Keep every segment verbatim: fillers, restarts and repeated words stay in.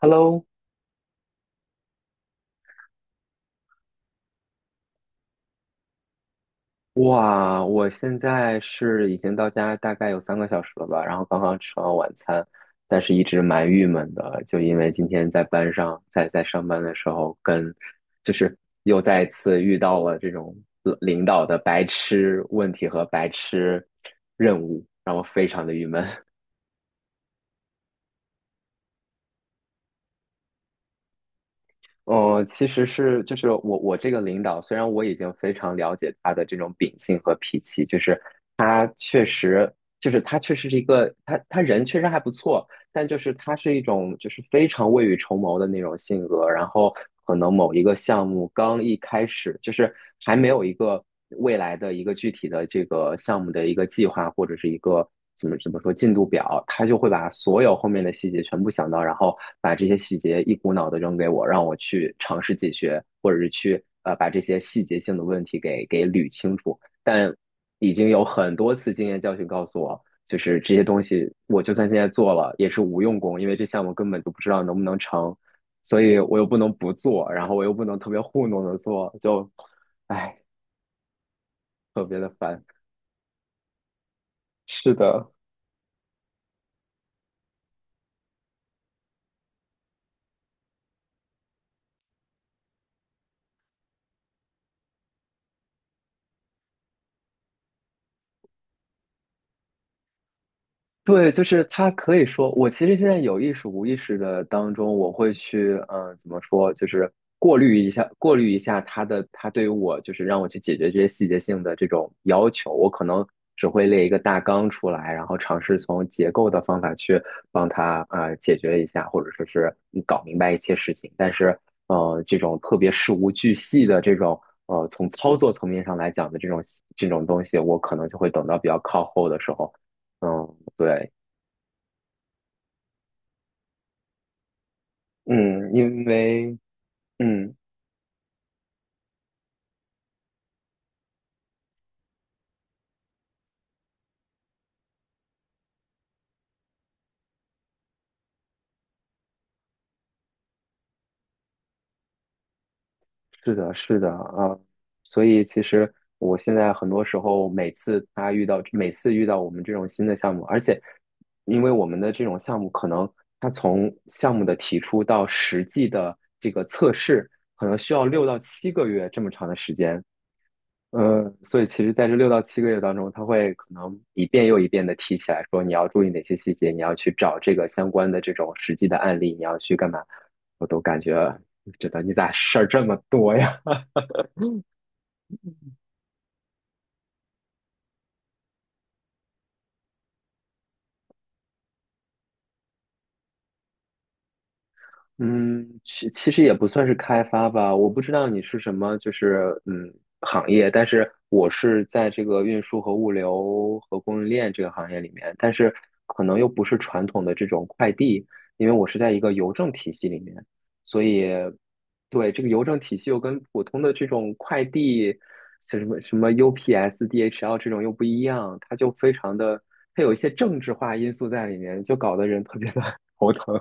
Hello，哇，我现在是已经到家大概有三个小时了吧，然后刚刚吃完晚餐，但是一直蛮郁闷的，就因为今天在班上，在在上班的时候跟，就是又再一次遇到了这种领领导的白痴问题和白痴任务，让我非常的郁闷。呃，其实是就是我我这个领导，虽然我已经非常了解他的这种秉性和脾气，就是他确实就是他确实是一个他他人确实还不错，但就是他是一种就是非常未雨绸缪的那种性格，然后可能某一个项目刚一开始，就是还没有一个未来的一个具体的这个项目的一个计划或者是一个怎么怎么说进度表，他就会把所有后面的细节全部想到，然后把这些细节一股脑的扔给我，让我去尝试解决，或者是去呃把这些细节性的问题给给捋清楚，但。已经有很多次经验教训告诉我，就是这些东西，我就算现在做了，也是无用功，因为这项目根本就不知道能不能成，所以我又不能不做，然后我又不能特别糊弄的做，就，唉，特别的烦。是的，对，就是他可以说，我其实现在有意识无意识的当中，我会去，嗯、呃怎么说，就是过滤一下，过滤一下他的，他对于我，就是让我去解决这些细节性的这种要求，我可能只会列一个大纲出来，然后尝试从结构的方法去帮他啊、呃解决一下，或者说是嗯搞明白一些事情，但是，呃，这种特别事无巨细的这种。呃，从操作层面上来讲的这种这种东西，我可能就会等到比较靠后的时候。嗯，对，嗯，因为，嗯，是的，是的啊，所以其实我现在很多时候，每次他遇到，每次遇到我们这种新的项目，而且，因为我们的这种项目，可能它从项目的提出到实际的这个测试，可能需要六到七个月这么长的时间，呃，所以其实在这六到七个月当中，他会可能一遍又一遍的提起来说，你要注意哪些细节，你要去找这个相关的这种实际的案例，你要去干嘛，我都感觉觉得你咋事儿这么多呀？嗯，其其实也不算是开发吧，我不知道你是什么，就是嗯行业，但是我是在这个运输和物流和供应链这个行业里面，但是可能又不是传统的这种快递，因为我是在一个邮政体系里面，所以对这个邮政体系又跟普通的这种快递，像什么什么 U P S、D H L 这种又不一样，它就非常的，它有一些政治化因素在里面，就搞得人特别的 头疼。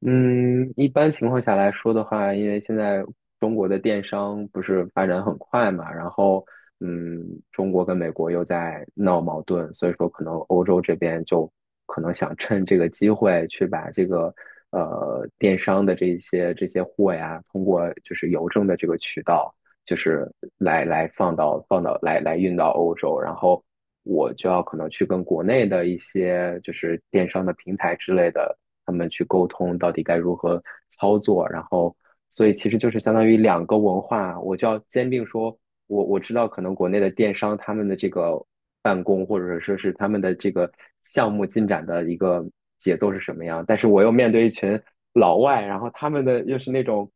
嗯，一般情况下来说的话，因为现在中国的电商不是发展很快嘛，然后嗯，中国跟美国又在闹矛盾，所以说可能欧洲这边就可能想趁这个机会去把这个呃电商的这一些这些货呀，通过就是邮政的这个渠道，就是来来放到放到来来运到欧洲，然后我就要可能去跟国内的一些就是电商的平台之类的，他们去沟通到底该如何操作，然后所以其实就是相当于两个文化，我就要兼并说，我我知道可能国内的电商他们的这个办公或者说是他们的这个项目进展的一个节奏是什么样，但是我又面对一群老外，然后他们的又是那种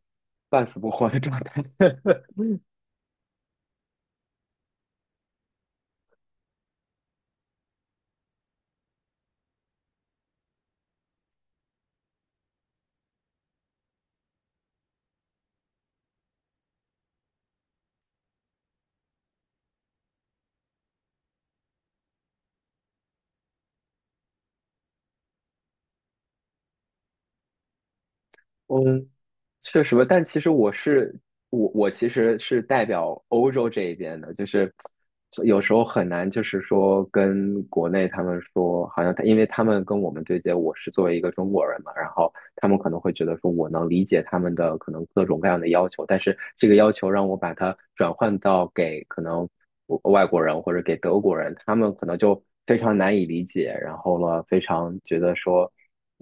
半死不活的状态。嗯，确实吧，但其实我是我我其实是代表欧洲这一边的，就是有时候很难，就是说跟国内他们说，好像他因为他们跟我们对接，我是作为一个中国人嘛，然后他们可能会觉得说我能理解他们的可能各种各样的要求，但是这个要求让我把它转换到给可能外国人或者给德国人，他们可能就非常难以理解，然后了非常觉得说。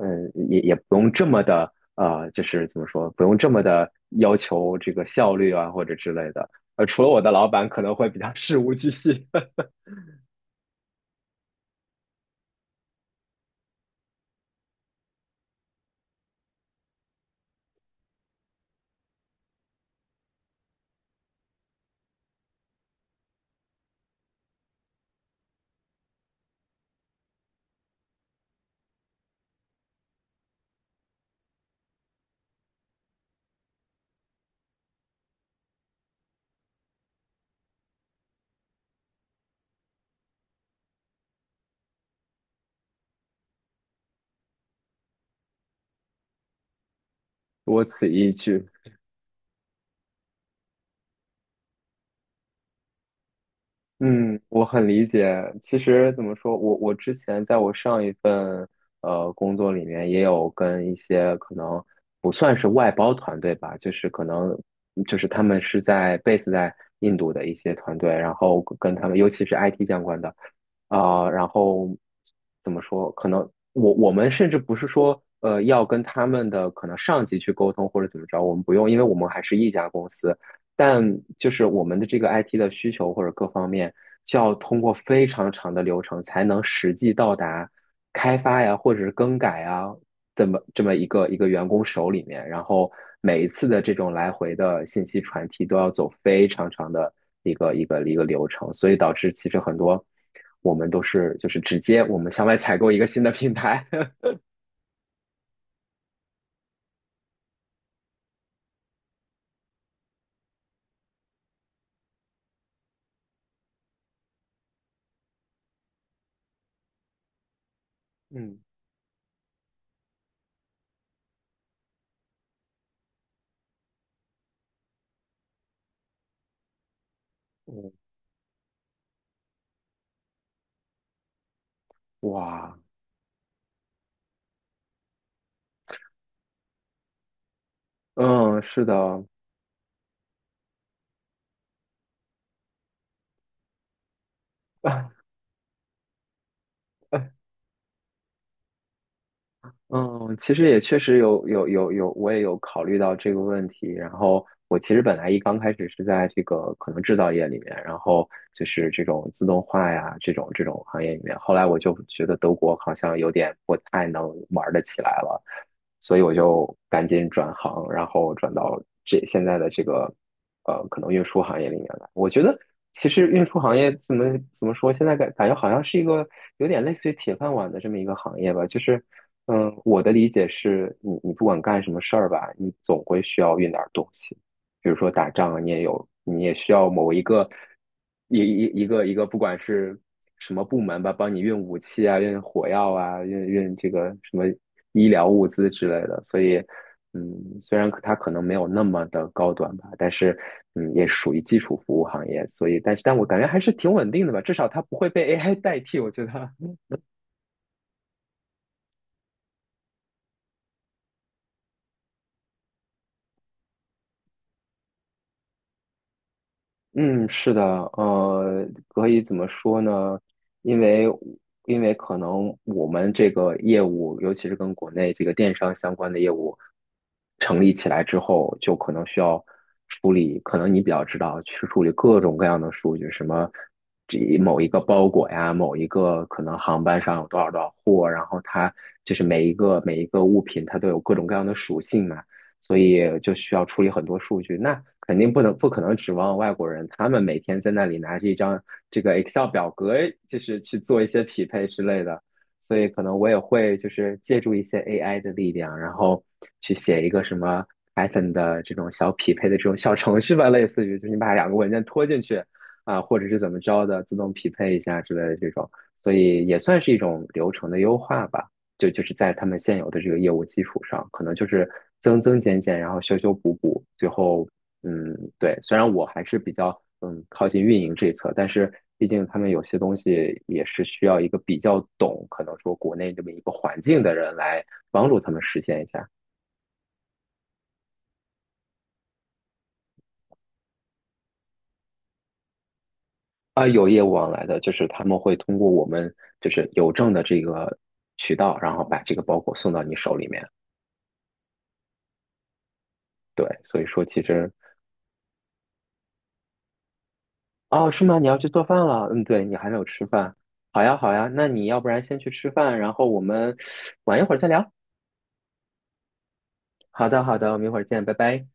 嗯，也也不用这么的呃，就是怎么说，不用这么的要求这个效率啊，或者之类的。呃，除了我的老板可能会比较 事无巨细，多此一举。嗯，我很理解。其实怎么说，我我之前在我上一份呃工作里面，也有跟一些可能不算是外包团队吧，就是可能就是他们是在 base 在印度的一些团队，然后跟他们，尤其是 I T 相关的，啊、然后怎么说，可能我我们甚至不是说呃要跟他们的可能上级去沟通或者怎么着，我们不用，因为我们还是一家公司。但就是我们的这个 I T 的需求或者各方面，就要通过非常长的流程才能实际到达开发呀，或者是更改呀，这么这么一个一个员工手里面。然后每一次的这种来回的信息传递都要走非常长的一个一个一个流程，所以导致其实很多我们都是就是直接我们向外采购一个新的 品牌。嗯嗯，哇，嗯，是的。嗯，其实也确实有有有有，我也有考虑到这个问题。然后我其实本来一刚开始是在这个可能制造业里面，然后就是这种自动化呀这种这种行业里面。后来我就觉得德国好像有点不太能玩得起来了，所以我就赶紧转行，然后转到这现在的这个呃可能运输行业里面来。我觉得其实运输行业怎么怎么说，现在感感觉好像是一个有点类似于铁饭碗的这么一个行业吧，就是。嗯，我的理解是你，你不管干什么事儿吧，你总会需要运点儿东西，比如说打仗啊，你也有，你也需要某一个一一一个一个，不管是什么部门吧，帮你运武器啊，运火药啊，运运这个什么医疗物资之类的。所以，嗯，虽然它可能没有那么的高端吧，但是嗯，也属于基础服务行业。所以，但是但我感觉还是挺稳定的吧，至少它不会被 A I 代替，我觉得。嗯，是的，呃，可以怎么说呢？因为因为可能我们这个业务，尤其是跟国内这个电商相关的业务成立起来之后，就可能需要处理，可能你比较知道，去处理各种各样的数据，什么这某一个包裹呀，某一个可能航班上有多少多少货，然后它就是每一个每一个物品，它都有各种各样的属性嘛。所以就需要处理很多数据。那肯定不能不可能指望外国人，他们每天在那里拿着一张这个 Excel 表格，就是去做一些匹配之类的。所以可能我也会就是借助一些 A I 的力量，然后去写一个什么 Python 的这种小匹配的这种小程序吧，类似于就是你把两个文件拖进去啊，或者是怎么着的，自动匹配一下之类的这种。所以也算是一种流程的优化吧。就就是在他们现有的这个业务基础上，可能就是增增减减，然后修修补补，最后嗯，对，虽然我还是比较嗯靠近运营这一侧，但是毕竟他们有些东西也是需要一个比较懂，可能说国内这么一个环境的人来帮助他们实现一下。啊，有业务往来的，就是他们会通过我们就是邮政的这个渠道，然后把这个包裹送到你手里面。对，所以说其实哦，是吗？你要去做饭了？嗯，对，你还没有吃饭。好呀，好呀，那你要不然先去吃饭，然后我们 晚一会儿再聊。好的，好的，我们一会儿见，拜拜。